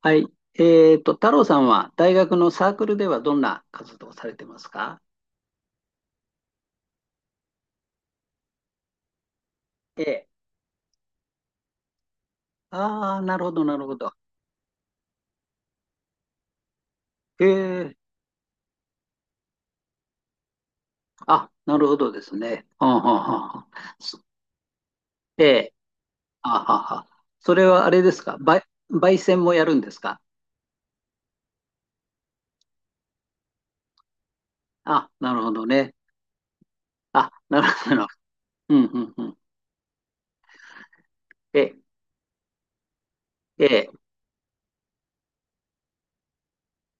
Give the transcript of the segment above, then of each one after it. はい。太郎さんは大学のサークルではどんな活動をされてますか？ええ。ああ、なるほど、なるほど。ええ。あ、なるほどですね。はははあはあそええ。あはあはあ。それはあれですかば焙煎もやるんですか？あ、なるほどね。あ、なるほど。なるほど。うん、うん、うん。ええ、ええ。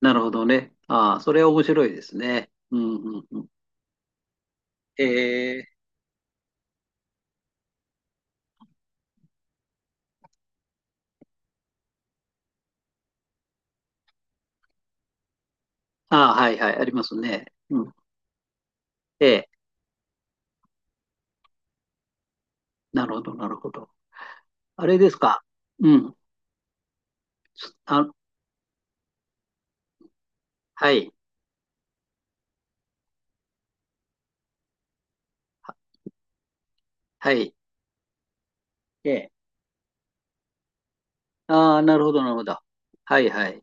なるほどね。ああ、それは面白いですね。うん、うん、うん。ええ。ああ、はい、はい。ありますね。うん。ええ。なるほど、なるほど。あれですか。うん。あ、はい。ははい。ええ。ああ、なるほど、なるほど。はいはい。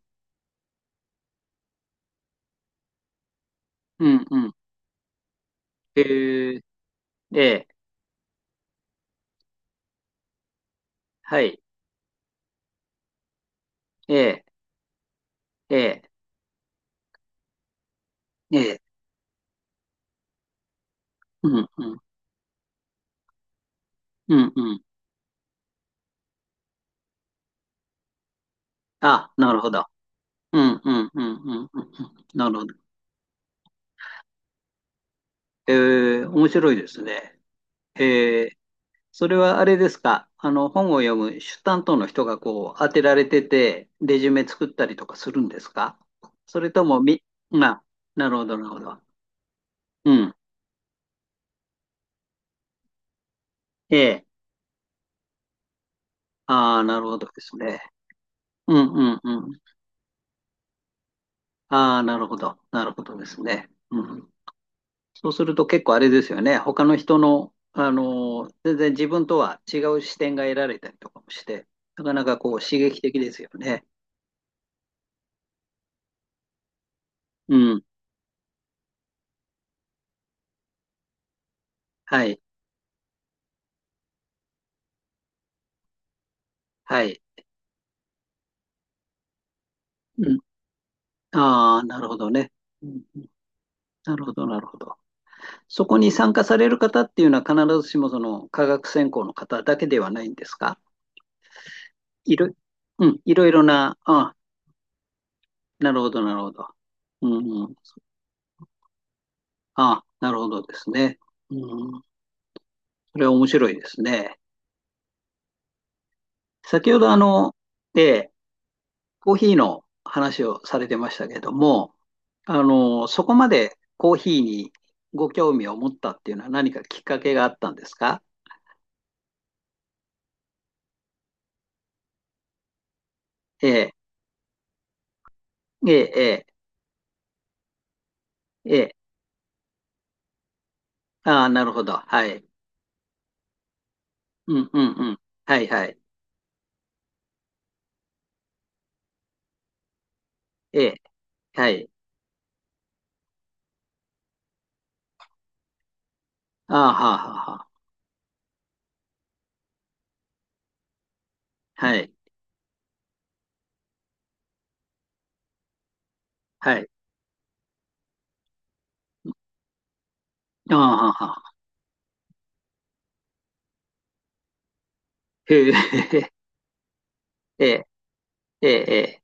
うんうん。えー、ええ、はい。ええ、ええ、ええ、うんうん、うんうん。あ、なるほど。うんうんうんうんうん。うん。なるほど。ええ、面白いですね。ええ、それはあれですか。本を読む主担当の人がこう、当てられてて、レジュメ作ったりとかするんですか？それともみ、まあ、なるほど、なるほど。うん。ええ。ああ、なるほどですね。うんうんうん。ああ、なるほど。なるほどですね。うん。そうすると結構あれですよね。他の人の、全然自分とは違う視点が得られたりとかもして、なかなかこう刺激的ですよね。うん。はい。はい。うん。ああ、なるほどね。うんうん。なるほど、なるほど。そこに参加される方っていうのは必ずしもその科学専攻の方だけではないんですか？いろ、うん、いろいろな、あ、なるほど、なるほど。うんうん。あ、なるほどですね。うん。それは面白いですね。先ほどええ、コーヒーの話をされてましたけども、そこまでコーヒーにご興味を持ったっていうのは何かきっかけがあったんですか？ええ、ええ、ええ、ええ。ああ、なるほど。はい。うんうんうん。はいはい。ええ、はい。ああ、はあはあはあ。はい。はい。ああ、はあはあ。へえ、ええ、ええ、ええ。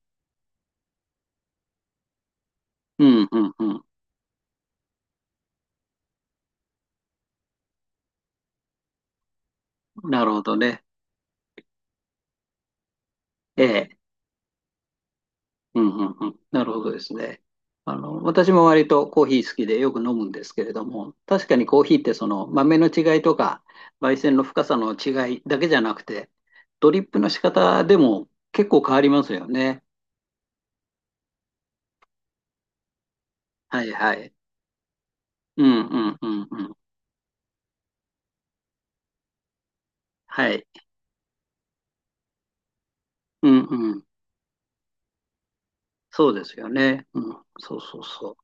うん、うん、うん。なるほどね。ええ。うん、うん、うん。なるほどですね。私も割とコーヒー好きでよく飲むんですけれども、確かにコーヒーってその豆の違いとか、焙煎の深さの違いだけじゃなくて、ドリップの仕方でも結構変わりますよね。はい、はい。うん、うん、うん、うん。はい。うん、うん。そうですよね。うん、そうそうそう。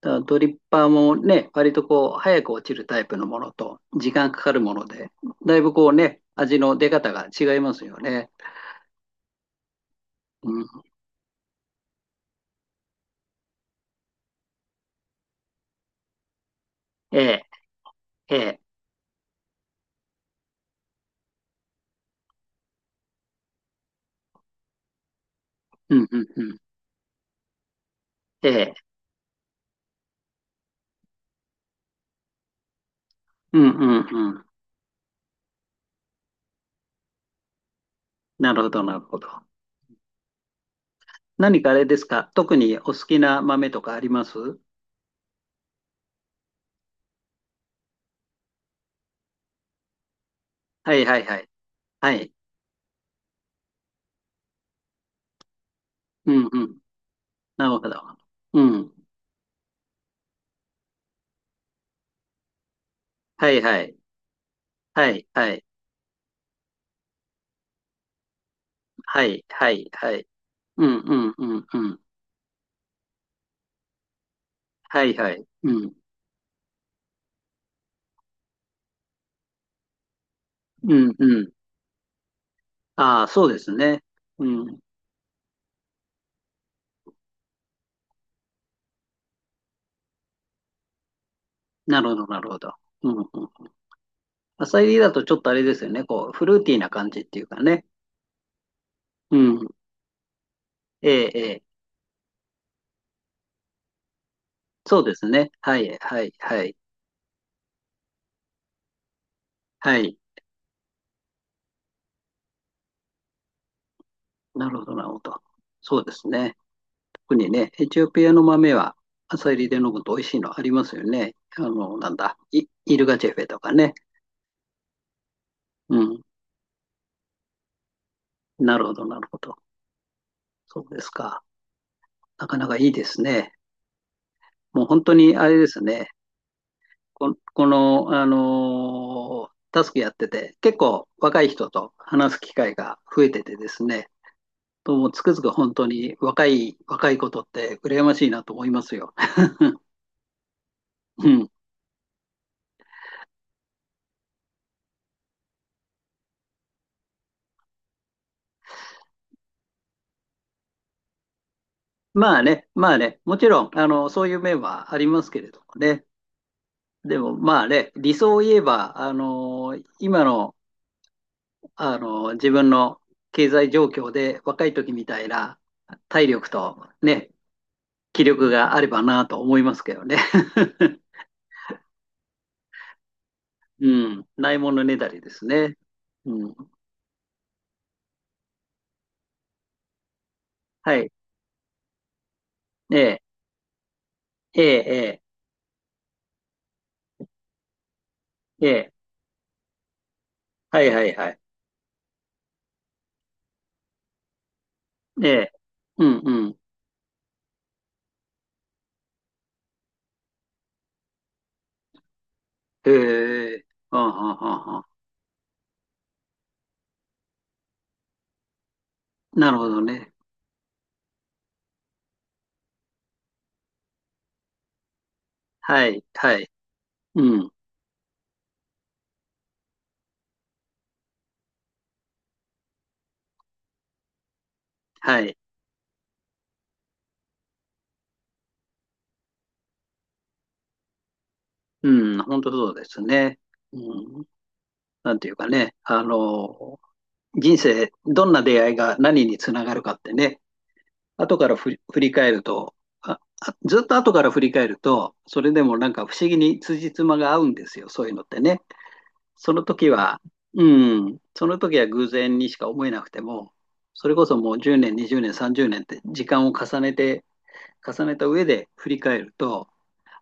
だからドリッパーもね、割とこう、早く落ちるタイプのものと、時間かかるもので、だいぶこうね、味の出方が違いますよね。うん、ええ、ええ、うんうんうん、ええ、うんうんうん。なるほど、なるほど。何かあれですか、特にお好きな豆とかありますは？いはいはい。はい。うんうん。なるほど。うん。はいはい。はいはい。はいはいはい。うんうんうんうん。はいはい。うん。うんうん。ああ、そうですね。うん。なるほど、なるほど。うんうん。浅煎りだとちょっとあれですよね。こう、フルーティーな感じっていうかね。うん。ええ、ええ。そうですね。はい、はい、はい。はい。なるほど、なるほど。そうですね。特にね、エチオピアの豆は朝煎りで飲むと美味しいのありますよね。なんだ、イ、イルガチェフェとかね。うん。なるほど、なるほど。そうですか。なかなかいいですね。もう本当にあれですね。こ、この、あのータスクやってて、結構若い人と話す機会が増えててですね、ともつくづく本当に若い、若いことって羨ましいなと思いますよ。うん。まあね、まあね、もちろん、そういう面はありますけれどもね。でもまあね、理想を言えば、あの今の、あの自分の経済状況で若い時みたいな体力とね、気力があればなと思いますけどね。うん。ないものねだりですね。うん。はい。ええ、ええ、ええ、ええ。はいはいはい。ええ。うんうん。へえ。ああああ、なるほどね。はい、はい。うん。はい。うん。本当そうですね。うん。なんていうかね。人生、どんな出会いが何につながるかってね。後から振り返ると、ずっと後から振り返ると、それでもなんか不思議に辻褄が合うんですよ。そういうのってね。その時は、うん、その時は偶然にしか思えなくても、それこそもう10年、20年、30年って時間を重ねて、重ねた上で振り返ると、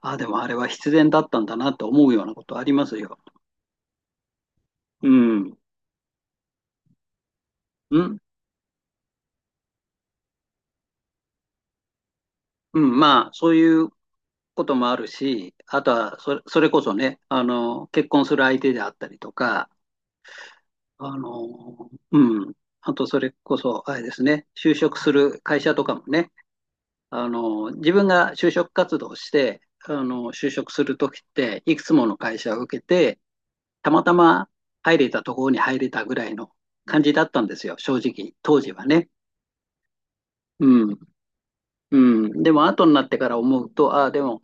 ああ、でもあれは必然だったんだなと思うようなことありますよ。うん。うん。うん。まあ、そういうこともあるし、あとはそれ、それこそね、結婚する相手であったりとか、あの、うん。あと、それこそ、あれですね、就職する会社とかもね、自分が就職活動して、就職するときって、いくつもの会社を受けて、たまたま入れたところに入れたぐらいの感じだったんですよ、正直、当時はね。うん。うん。でも、後になってから思うと、ああ、でも、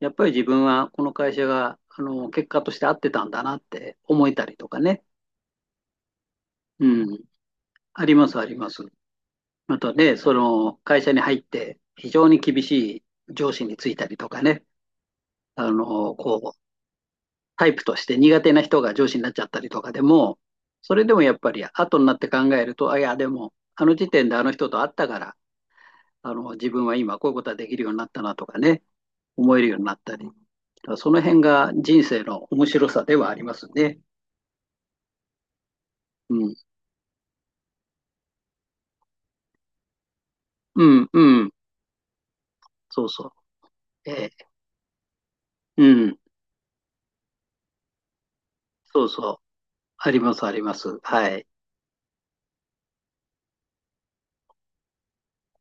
やっぱり自分はこの会社が、結果として合ってたんだなって思えたりとかね。うん。あります、あります。またね、その、会社に入って、非常に厳しい上司についたりとかね。あの、こう、タイプとして苦手な人が上司になっちゃったりとかでも、それでもやっぱり後になって考えると、あ、いや、でも、あの時点であの人と会ったから、自分は今こういうことができるようになったなとかね、思えるようになったり。その辺が人生の面白さではありますね。うん。うん、うん。そうそう。ええうん。そうそう。あります、あります。はい。